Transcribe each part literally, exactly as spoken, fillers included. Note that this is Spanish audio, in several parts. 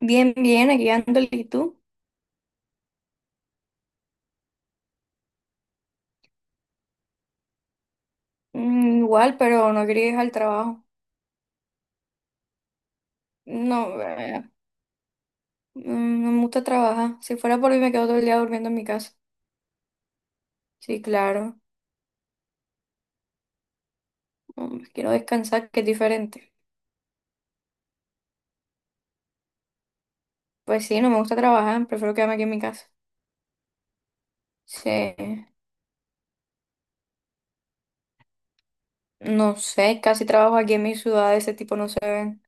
Bien, bien, aquí ando, ¿y tú? Mm, igual, pero no quería ir al trabajo. No, eh, mm, no me gusta trabajar. Si fuera por mí me quedo todo el día durmiendo en mi casa. Sí, claro. Mm, Quiero descansar, que es diferente. Pues sí, no me gusta trabajar, prefiero quedarme aquí en mi casa. Sí, no sé, casi trabajo aquí en mi ciudad, de ese tipo no se ven.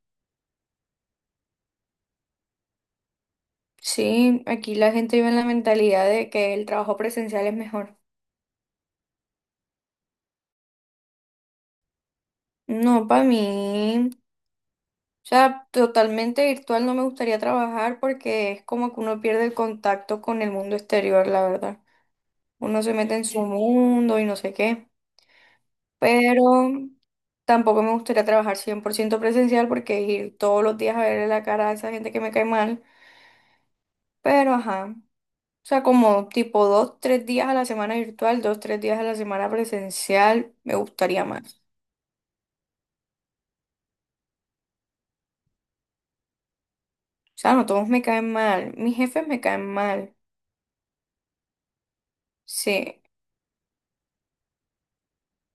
Sí, aquí la gente vive en la mentalidad de que el trabajo presencial es mejor. No, para mí. O sea, totalmente virtual no me gustaría trabajar porque es como que uno pierde el contacto con el mundo exterior, la verdad. Uno se mete en su mundo y no sé qué. Pero tampoco me gustaría trabajar cien por ciento presencial porque ir todos los días a verle la cara a esa gente que me cae mal. Pero ajá. O sea, como tipo dos, tres días a la semana virtual, dos, tres días a la semana presencial, me gustaría más. O sea, no todos me caen mal. Mis jefes me caen mal. Sí.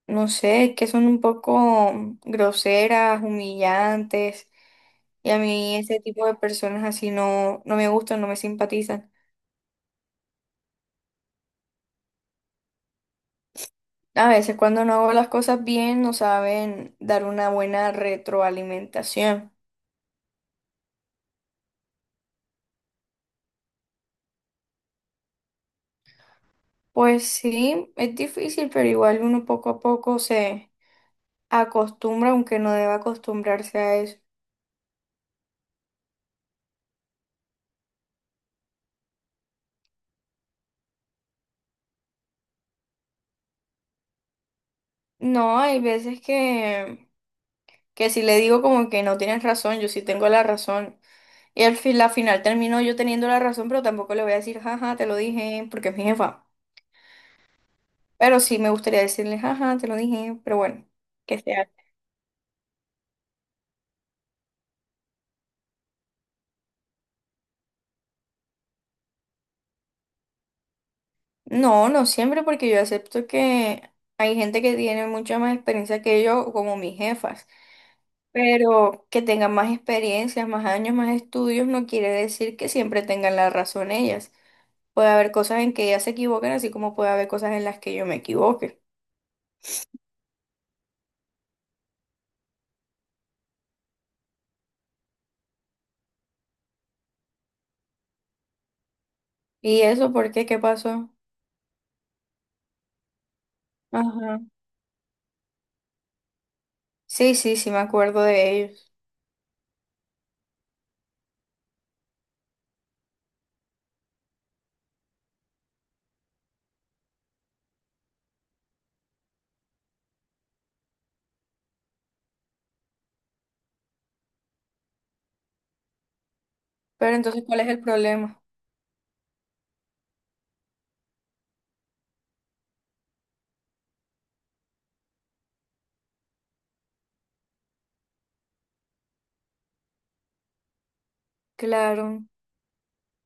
No sé, es que son un poco groseras, humillantes, y a mí ese tipo de personas así no, no me gustan, no me simpatizan. A veces cuando no hago las cosas bien no saben dar una buena retroalimentación. Pues sí, es difícil, pero igual uno poco a poco se acostumbra, aunque no deba acostumbrarse a eso. No, hay veces que, que si le digo como que no tienes razón, yo sí tengo la razón. Y al fin, la final terminó yo teniendo la razón, pero tampoco le voy a decir, jaja, te lo dije, porque es mi jefa. Pero sí me gustaría decirle, jaja, te lo dije, pero bueno, que sea. No, no siempre, porque yo acepto que hay gente que tiene mucha más experiencia que yo, como mis jefas. Pero que tengan más experiencias, más años, más estudios, no quiere decir que siempre tengan la razón ellas. Puede haber cosas en que ellas se equivoquen, así como puede haber cosas en las que yo me equivoque. ¿Y eso por qué? ¿Qué pasó? Ajá. Sí, sí, sí, me acuerdo de ellos. Pero entonces, ¿cuál es el problema? Claro.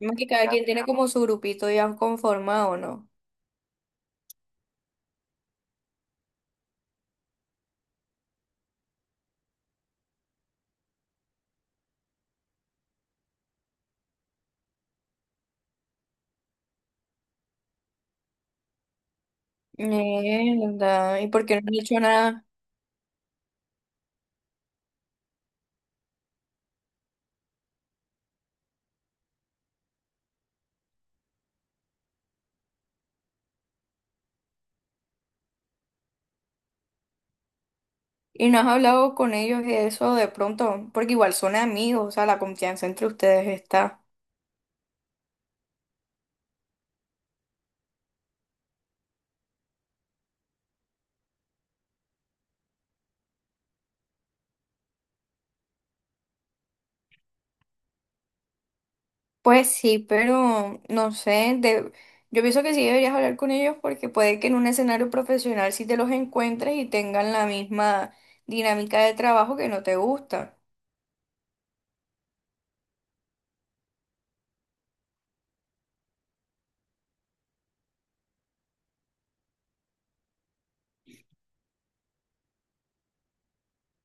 Más que cada quien tiene como su grupito ya conformado, ¿no? Mierda. ¿Y por qué no han dicho nada? ¿Y no has hablado con ellos de eso de pronto? Porque igual son amigos, o sea, la confianza entre ustedes está. Pues sí, pero no sé, de... yo pienso que sí deberías hablar con ellos porque puede que en un escenario profesional sí te los encuentres y tengan la misma dinámica de trabajo que no te gusta.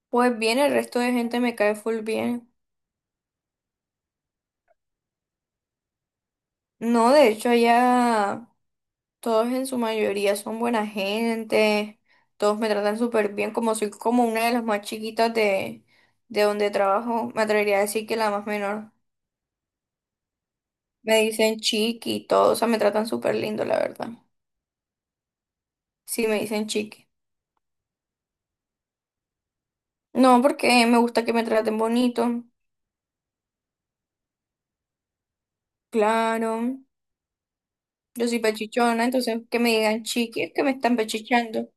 Pues bien, el resto de gente me cae full bien. No, de hecho allá todos en su mayoría son buena gente, todos me tratan súper bien, como soy como una de las más chiquitas de, de donde trabajo, me atrevería a decir que la más menor. Me dicen chiqui y todo, o sea, me tratan súper lindo, la verdad. Sí, me dicen chiqui. No, porque me gusta que me traten bonito, claro. Yo soy pechichona, entonces que me digan chiqui es que me están pechichando.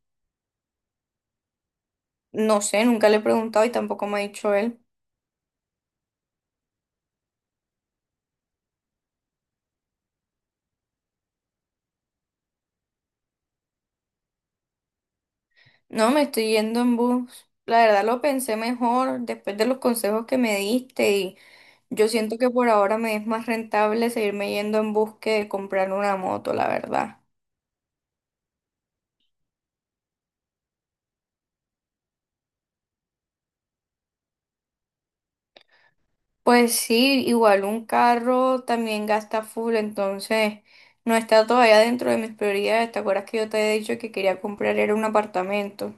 No sé, nunca le he preguntado y tampoco me ha dicho él. No, me estoy yendo en bus. La verdad lo pensé mejor después de los consejos que me diste y yo siento que por ahora me es más rentable seguirme yendo en bus que comprar una moto, la verdad. Pues sí, igual un carro también gasta full, entonces no está todavía dentro de mis prioridades. ¿Te acuerdas que yo te he dicho que quería comprar era un apartamento?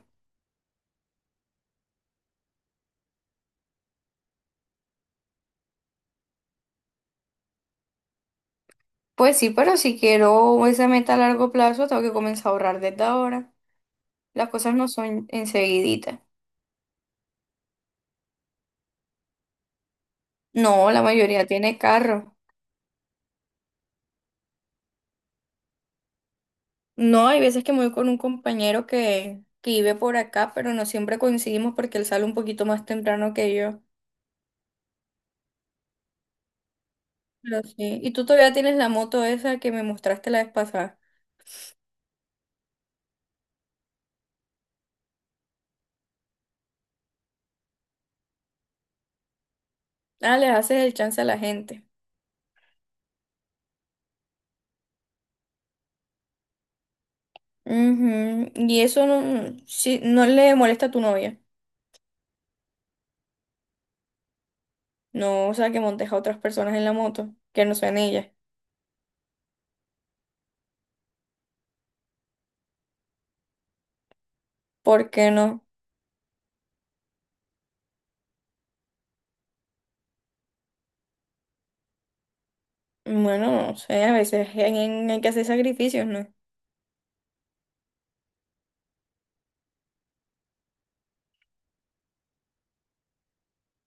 Pues sí, pero si quiero esa meta a largo plazo, tengo que comenzar a ahorrar desde ahora. Las cosas no son enseguiditas. No, la mayoría tiene carro. No, hay veces que me voy con un compañero que, que vive por acá, pero no siempre coincidimos porque él sale un poquito más temprano que yo. Pero sí. Y tú todavía tienes la moto esa que me mostraste la vez pasada. Ah, les haces el chance a la gente. Ujú. Y eso no, sí, no le molesta a tu novia. No, o sea, que montes a otras personas en la moto, que no sean ellas. ¿Por qué no? Bueno, no sé, a veces hay, hay que hacer sacrificios, ¿no?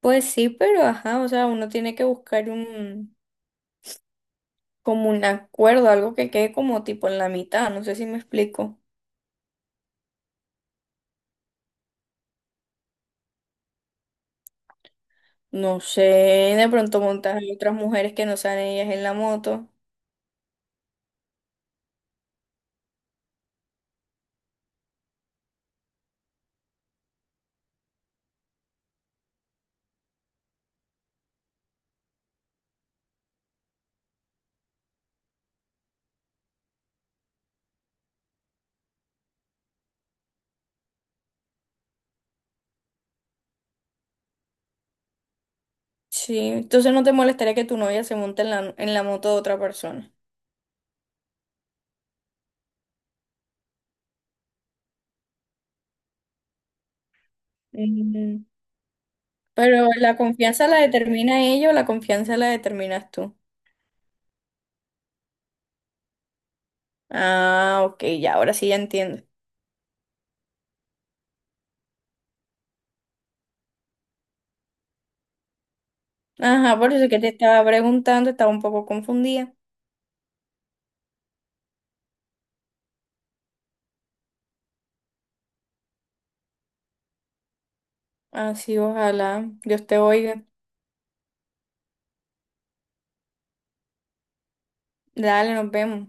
Pues sí, pero ajá, o sea, uno tiene que buscar un como un acuerdo, algo que quede como tipo en la mitad, no sé si me explico. No sé, de pronto montas a otras mujeres que no sean ellas en la moto. Sí, entonces no te molestaría que tu novia se monte en la, en la moto de otra persona. Mm. Pero la confianza la determina ella o la confianza la determinas tú. Ah, ok, ya, ahora sí ya entiendo. Ajá, por eso es que te estaba preguntando, estaba un poco confundida. Así, ojalá Dios te oiga. Dale, nos vemos.